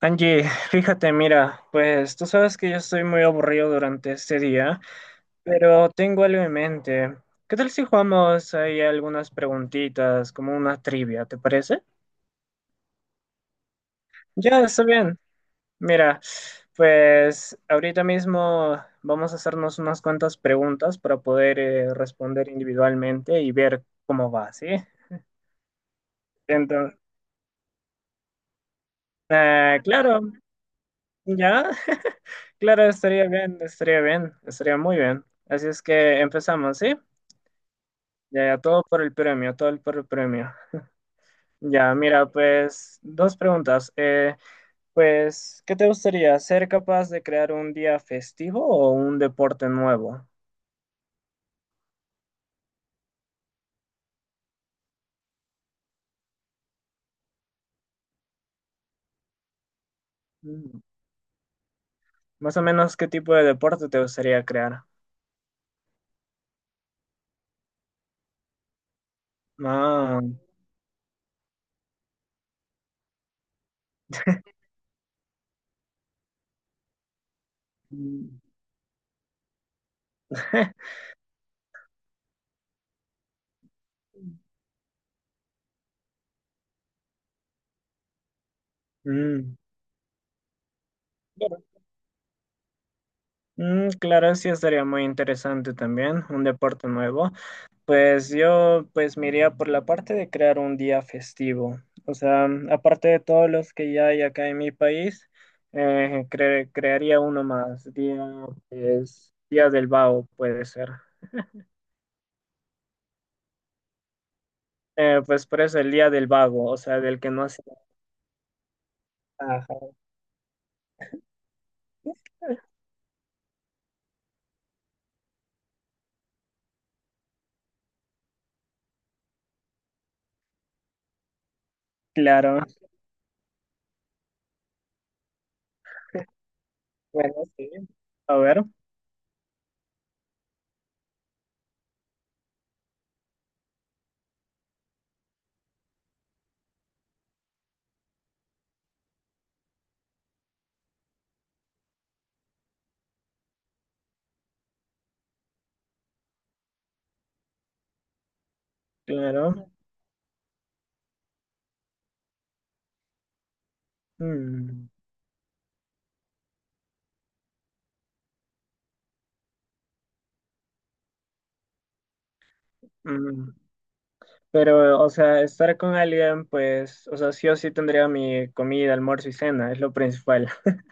Angie, fíjate, mira, pues tú sabes que yo estoy muy aburrido durante este día, pero tengo algo en mente. ¿Qué tal si jugamos ahí algunas preguntitas, como una trivia, ¿te parece? Ya, está bien. Mira, pues ahorita mismo vamos a hacernos unas cuantas preguntas para poder responder individualmente y ver cómo va, ¿sí? Entonces, claro, ya, claro, estaría bien, estaría bien, estaría muy bien. Así es que empezamos, ¿sí? Ya, ya, todo por el premio, todo por el premio. Ya, mira, pues dos preguntas. Pues, ¿qué te gustaría? ¿Ser capaz de crear un día festivo o un deporte nuevo? Mm, más o menos, ¿qué tipo de deporte te gustaría crear? Ah, mm, mm, claro. Mm, claro, sí estaría muy interesante también, un deporte nuevo. Pues yo pues me iría por la parte de crear un día festivo. O sea, aparte de todos los que ya hay acá en mi país, crearía uno más. Día, pues, Día del Vago puede ser. Pues por eso el Día del Vago, o sea, del que no hace nada. Claro, bueno, sí. A ver, claro. Mm, mm. Pero, o sea, estar con alguien, pues, o sea, sí o sí tendría mi comida, almuerzo y cena, es lo principal.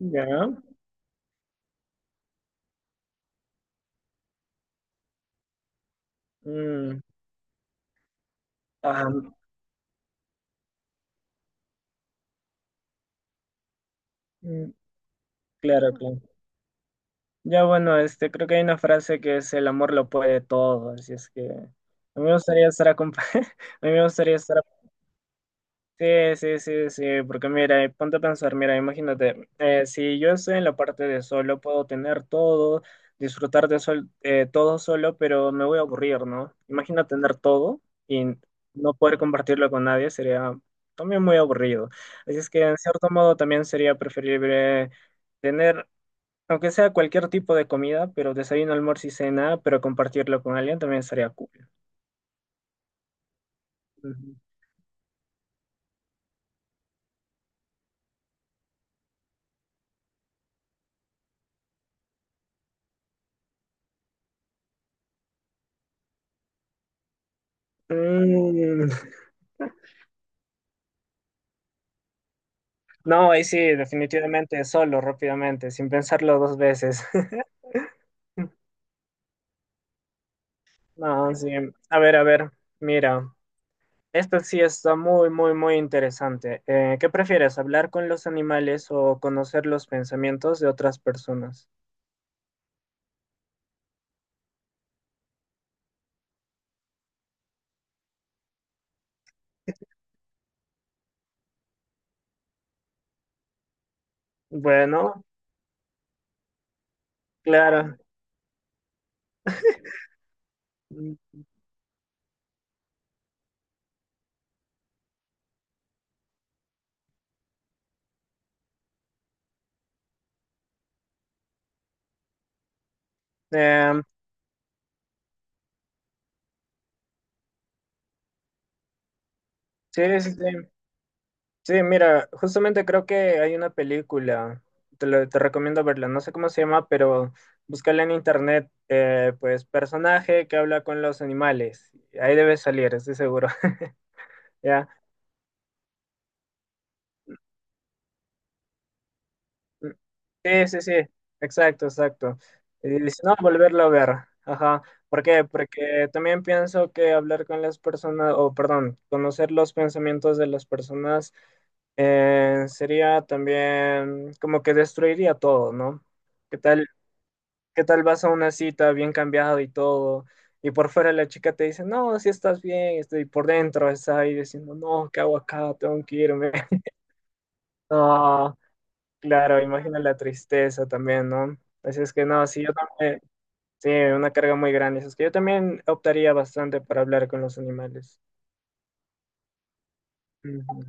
¿Ya? Mm, ajá, mm, claro, claro. Ya bueno, este, creo que hay una frase que es el amor lo puede todo, así es que a mí me gustaría a mí me gustaría estar. Sí, sí, sí, sí, porque mira, ponte a pensar, mira, imagínate, si yo estoy en la parte de solo, puedo tener todo, disfrutar de sol, todo solo, pero me voy a aburrir, ¿no? Imagina tener todo y no poder compartirlo con nadie, sería también muy aburrido. Así es que, en cierto modo, también sería preferible tener, aunque sea cualquier tipo de comida, pero desayuno, almuerzo y cena, pero compartirlo con alguien también sería cool. Ujú. Mm. No, ahí sí, definitivamente, solo, rápidamente, sin pensarlo dos veces. No, sí. A ver, mira, esto sí está muy, muy, muy interesante. ¿Qué prefieres, hablar con los animales o conocer los pensamientos de otras personas? Bueno, claro. Mm, eh, sí, sí, sí. Sí, mira, justamente creo que hay una película, te recomiendo verla, no sé cómo se llama, pero búscala en internet, pues personaje que habla con los animales, ahí debe salir, estoy seguro. ¿Ya? Sí, sí, sí, exacto, exacto. Y dice no, volverlo a ver, ajá, ¿por qué? Porque también pienso que hablar con las personas, o perdón, conocer los pensamientos de las personas sería también como que destruiría todo, ¿no? ¿Qué tal? ¿Qué tal vas a una cita bien cambiado y todo? Y por fuera la chica te dice, no, si estás bien, estoy por dentro, está ahí diciendo, no, ¿qué hago acá? Tengo que irme. No, claro, imagina la tristeza también, ¿no? Así es que no, sí, yo también, sí, una carga muy grande. Así es que yo también optaría bastante para hablar con los animales. Ujú.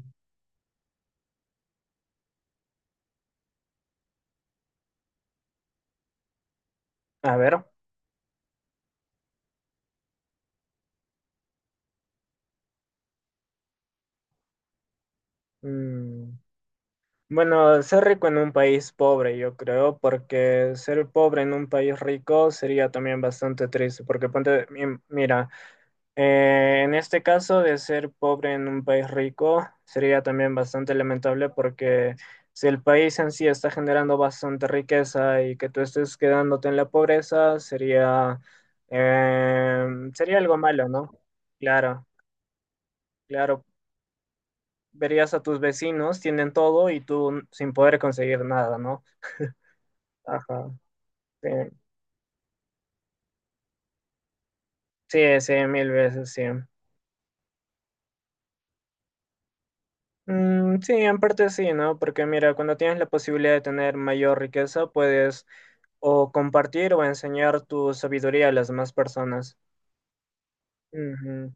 A ver. Mm. Bueno, ser rico en un país pobre, yo creo, porque ser pobre en un país rico sería también bastante triste, porque ponte, mira. En este caso de ser pobre en un país rico sería también bastante lamentable porque si el país en sí está generando bastante riqueza y que tú estés quedándote en la pobreza sería, eh, sería algo malo, ¿no? Claro, claro. Verías a tus vecinos, tienen todo y tú sin poder conseguir nada, ¿no? Ajá. Sí, sí, sí, mil veces, sí. Mm, sí, en parte sí, ¿no? Porque mira, cuando tienes la posibilidad de tener mayor riqueza, puedes o compartir o enseñar tu sabiduría a las demás personas. Ujú.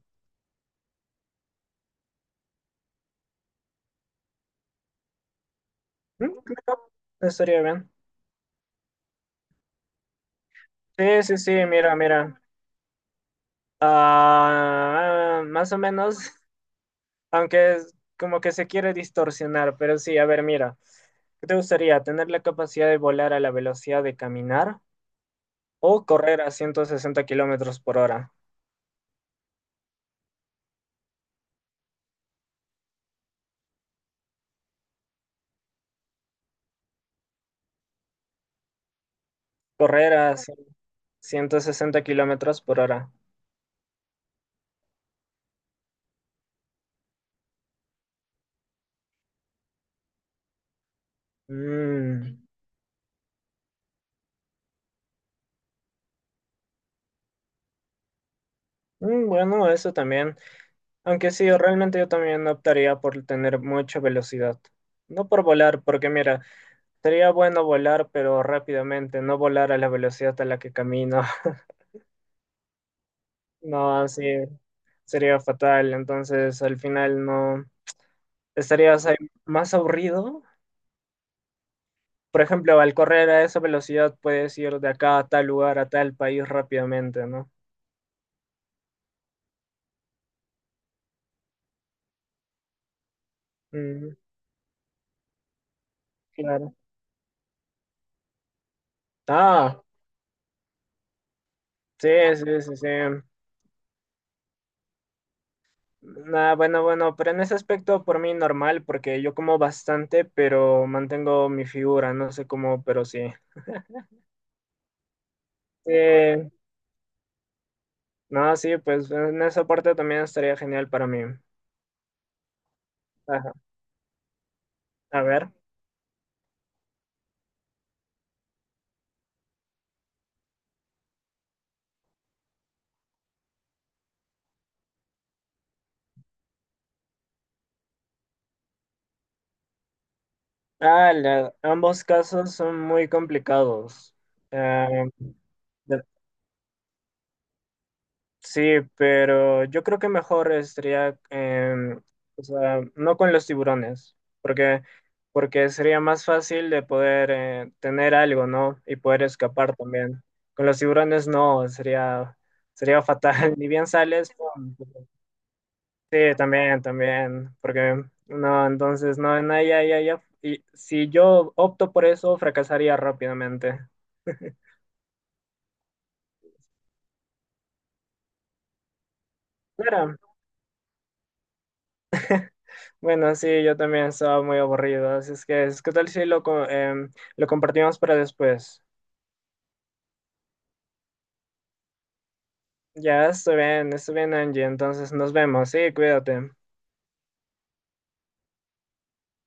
Mm, claro, estaría bien. Sí, sí, sí, mira, mira. Ah, más o menos, aunque es como que se quiere distorsionar, pero sí, a ver, mira. ¿Qué te gustaría? ¿Tener la capacidad de volar a la velocidad de caminar o correr a 160 kilómetros por hora? Correr a 160 kilómetros por hora. Mm, mm, bueno, eso también. Aunque sí, realmente yo también optaría por tener mucha velocidad. No por volar, porque mira, sería bueno volar, pero rápidamente, no volar a la velocidad a la que camino. No, así sería fatal. Entonces, al final no estarías ahí más aburrido. Por ejemplo, al correr a esa velocidad puedes ir de acá a tal lugar, a tal país rápidamente, ¿no? Mm, claro. Ah, sí, sí, sí, sí. Nah, bueno, bueno, pero en ese aspecto por mí normal, porque yo como bastante, pero mantengo mi figura, no sé cómo, pero sí. Sí, no, sí, pues en esa parte también estaría genial para mí. Ajá. A ver. Ah, ambos casos son muy complicados. Eh, Sí, pero yo creo que mejor estaría, o sea, no con los tiburones, porque, porque sería más fácil de poder tener algo, ¿no? Y poder escapar también. Con los tiburones no, sería, sería fatal. Ni bien sales, pum. Sí, también, también, porque no, entonces no, no, ya, ya, ya. Y si yo opto por eso, fracasaría rápidamente. Claro, bueno, sí, yo también estaba muy aburrido, así es que, ¿qué tal si lo, lo compartimos para después? Ya, estoy bien, Angie, entonces nos vemos, sí, cuídate.